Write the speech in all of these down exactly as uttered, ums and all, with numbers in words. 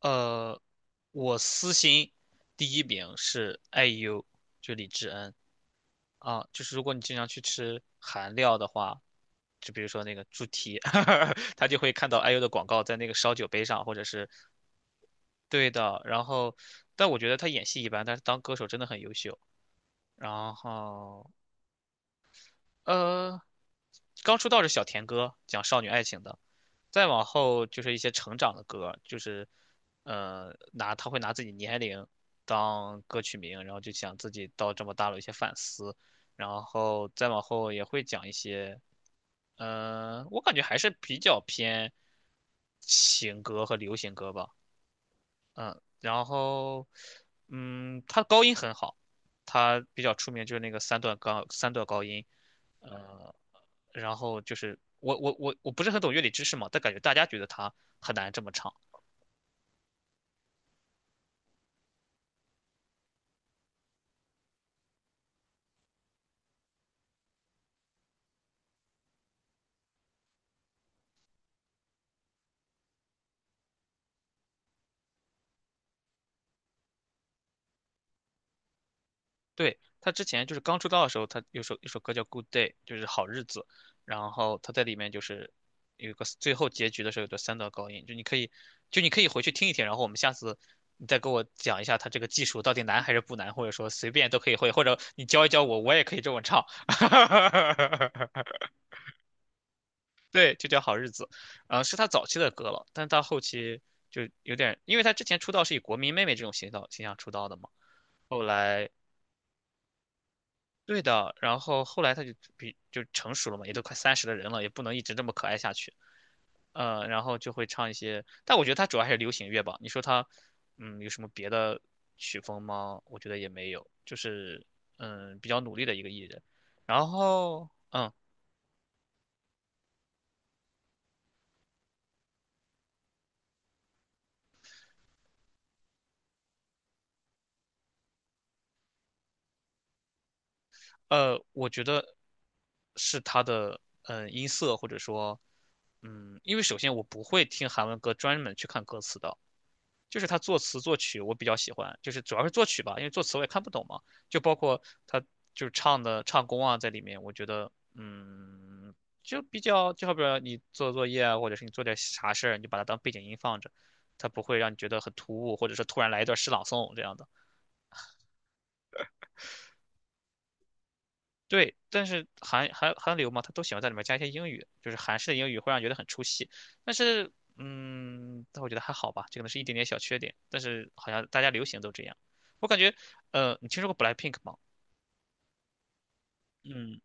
呃，我私心第一名是 I U，n 啊，就是如果你经常去吃韩料的话，就比如说那个猪蹄，他就会看到 I U 的广告在那个烧酒杯上，或者是对的。然后，但我觉得他演戏一般，但是当歌手真的很优秀。然后，呃，刚出道是小甜歌，讲少女爱情的。再往后就是一些成长的歌，就是呃拿他会拿自己年龄当歌曲名，然后就想自己到这么大了一些反思，然后再往后也会讲一些，嗯、我感觉还是比较偏情歌和流行歌吧。然后，嗯，他高音很好，他比较出名就是那个三段高三段高音，呃，然后就是我我我我不是很懂乐理知识嘛，但感觉大家觉得他很难这么唱。对，他之前就是刚出道的时候，他有首一首歌叫《Good Day》，就是好日子。然后他在里面就是有一个最后结局的时候有个三道高音，就你可以就你可以回去听一听，然后我们下次你再给我讲一下他这个技术到底难还是不难，或者说随便都可以会，或者你教一教我，我也可以这么唱。对，就叫好日子，呃，是他早期的歌了，但到后期就有点，因为他之前出道是以国民妹妹这种形象形象出道的嘛。后来对的，然后后来他就比就成熟了嘛，也都快三十的人了，也不能一直这么可爱下去。呃，然后就会唱一些，但我觉得他主要还是流行乐吧。你说他，嗯，有什么别的曲风吗？我觉得也没有，就是嗯，比较努力的一个艺人。然后嗯呃，我觉得是他的嗯音色或者说嗯，因为首先我不会听韩文歌专门去看歌词的，就是他作词作曲我比较喜欢，就是主要是作曲吧，因为作词我也看不懂嘛，就包括他就是唱的唱功啊在里面，我觉得嗯，就比较就好比说你做作业啊，或者是你做点啥事儿，你就把它当背景音放着，它不会让你觉得很突兀，或者是突然来一段诗朗诵这样的。对，但是韩韩韩流嘛，他都喜欢在里面加一些英语，就是韩式的英语会让人觉得很出戏。但是，嗯，但我觉得还好吧，这可能是一点点小缺点。但是好像大家流行都这样，我感觉，呃，你听说过 BLACKPINK 吗？嗯，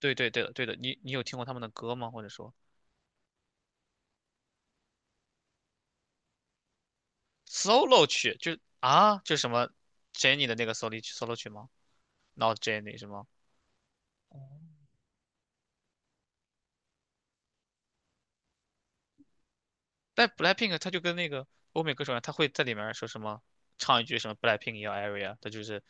对对对的对的，你你有听过他们的歌吗？或者说 solo 曲，就啊，就什么 Jennie 的那个 solo 曲 solo 曲吗？Not Jennie 是吗？但 BLACKPINK 他就跟那个欧美歌手一样，他会在里面说什么，唱一句什么 BLACKPINK in your area，他就是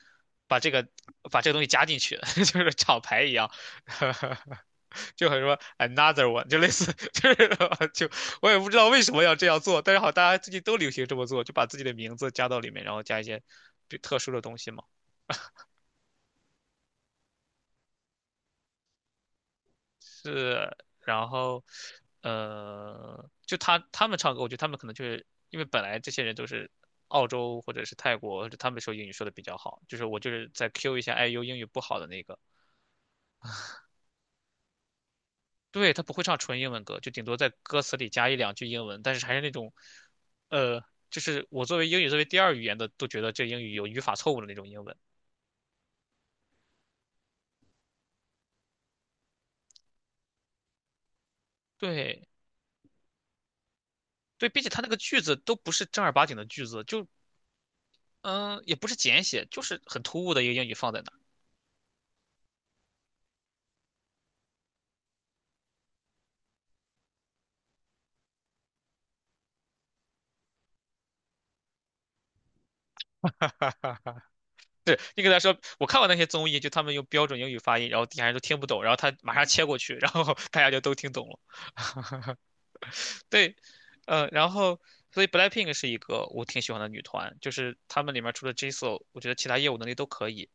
把这个把这个东西加进去，就是厂牌一样，就很说 another one，就类似就是 就我也不知道为什么要这样做，但是好，大家最近都流行这么做，就把自己的名字加到里面，然后加一些比特殊的东西嘛。是，然后，呃，就他他们唱歌，我觉得他们可能就是因为本来这些人都是澳洲或者是泰国，或者他们说英语说的比较好，就是我就是在 Q 一下 I U 英语不好的那个。对，他不会唱纯英文歌，就顶多在歌词里加一两句英文，但是还是那种，呃，就是我作为英语作为第二语言的都觉得这英语有语法错误的那种英文。对对，并且他那个句子都不是正儿八经的句子，就嗯、呃也不是简写，就是很突兀的一个英语放在那儿。对你给他说，我看过那些综艺，就他们用标准英语发音，然后底下人都听不懂，然后他马上切过去，然后 大家就都听懂了。对，呃，然后所以 BLACKPINK 是一个我挺喜欢的女团，就是她们里面除了 Jisoo，我觉得其他业务能力都可以。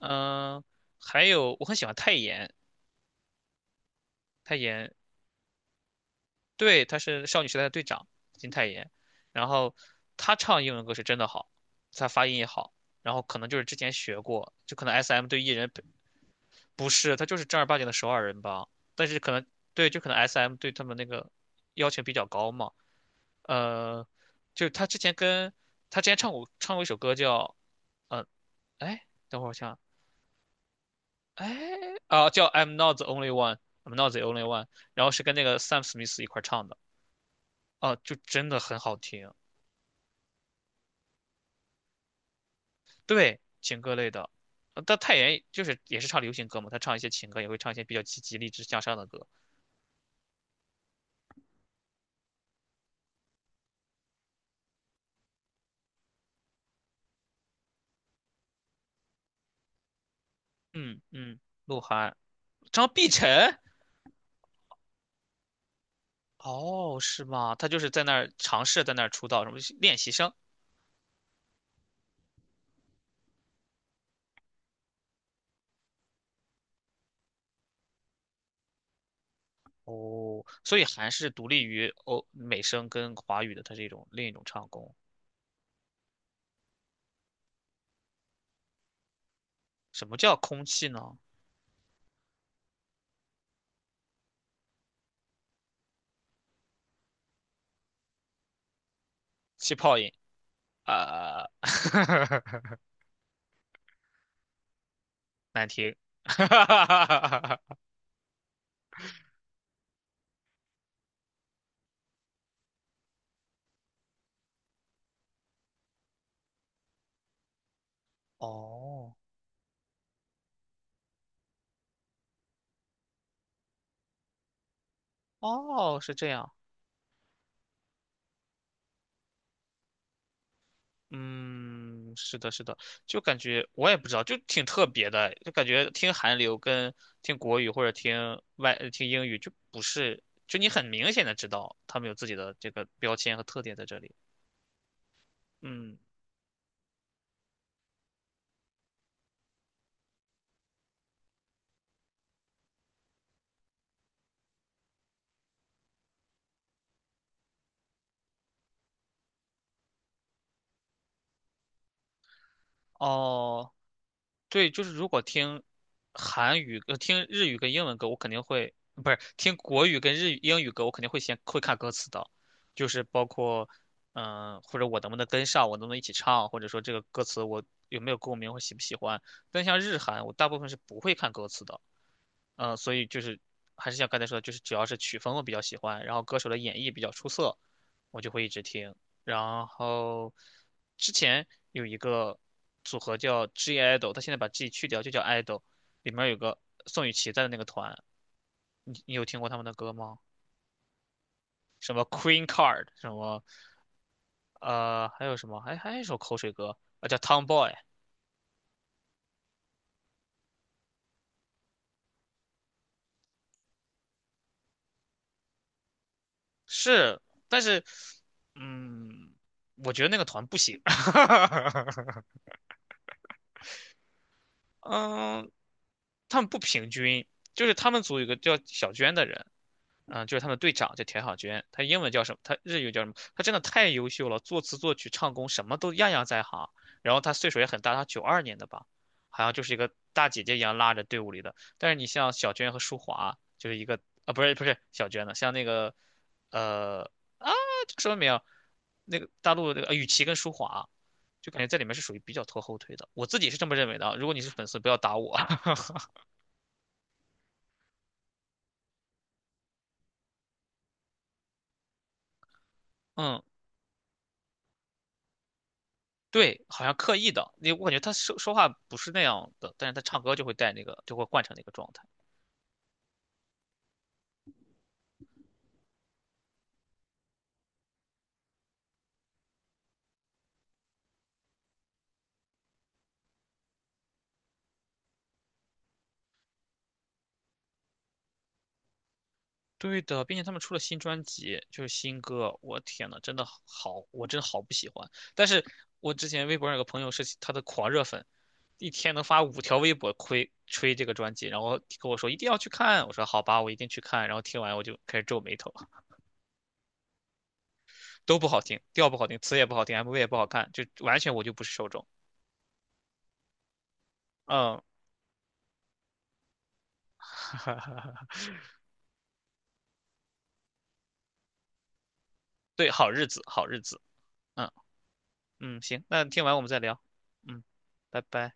嗯、还有我很喜欢泰妍，泰妍。对，她是少女时代的队长金泰妍，然后她唱英文歌是真的好，她发音也好，然后可能就是之前学过，就可能 S M 对艺人不是，他就是正儿八经的首尔人吧？但是可能对，就可能 S M 对他们那个要求比较高嘛。呃，就他之前跟他之前唱过唱过一首歌叫呃，哎，等会儿我想，哎啊，叫 I'm not the only one，I'm not the only one，然后是跟那个 Sam Smith 一块儿唱的。啊，就真的很好听。对，情歌类的，呃但泰妍就是也是唱流行歌嘛，他唱一些情歌，也会唱一些比较积极励志向上的歌。嗯嗯，鹿晗，张碧晨。哦，是吗？他就是在那儿尝试在那儿出道，什么练习生。哦，所以还是独立于欧美声跟华语的，它是一种另一种唱功。什么叫空气呢？气泡音啊，难听。哦哦，是这样。嗯，是的，是的，就感觉我也不知道，就挺特别的，就感觉听韩流跟听国语或者听外呃听英语就不是，就你很明显的知道他们有自己的这个标签和特点在这里。嗯，哦，对，就是如果听韩语、呃听日语跟英文歌，我肯定会，不是听国语跟日语、英语歌，我肯定会先会看歌词的，就是包括，嗯、或者我能不能跟上，我能不能一起唱，或者说这个歌词我有没有共鸣，或喜不喜欢。但像日韩，我大部分是不会看歌词的，嗯，所以就是还是像刚才说的，就是只要是曲风我比较喜欢，然后歌手的演绎比较出色，我就会一直听。然后之前有一个组合叫 G IDOL，他现在把 G 去掉就叫 IDOL，里面有个宋雨琦在的那个团，你你有听过他们的歌吗？什么 Queen Card，什么呃，还有什么，还还有一首口水歌啊，叫 Tomboy。是，但是嗯，我觉得那个团不行。嗯，他们不平均，就是他们组有个叫小娟的人。嗯，就是他们队长叫田小娟。她英文叫什么？她日语叫什么？她真的太优秀了，作词作曲唱功什么都样样在行。然后她岁数也很大，她九二年的吧，好像就是一个大姐姐一样拉着队伍里的。但是你像小娟和舒华，就是一个啊，不是不是小娟的，像那个呃叫什么名啊那个大陆那个呃雨琦跟舒华。就感觉在里面是属于比较拖后腿的，我自己是这么认为的啊如果你是粉丝，不要打我。嗯，对，好像刻意的，你我感觉他说说话不是那样的，但是他唱歌就会带那个，就会换成那个状态。对的，并且他们出了新专辑，就是新歌，我天呐，真的好，我真好不喜欢。但是我之前微博上有个朋友是他的狂热粉，一天能发五条微博吹吹这个专辑，然后跟我说一定要去看，我说好吧，我一定去看。然后听完我就开始皱眉头，都不好听，调不好听，词也不好听，M V 也不好看，就完全我就不是受众。嗯，对，好日子，好日子，嗯。嗯，行，那听完我们再聊。嗯，拜拜。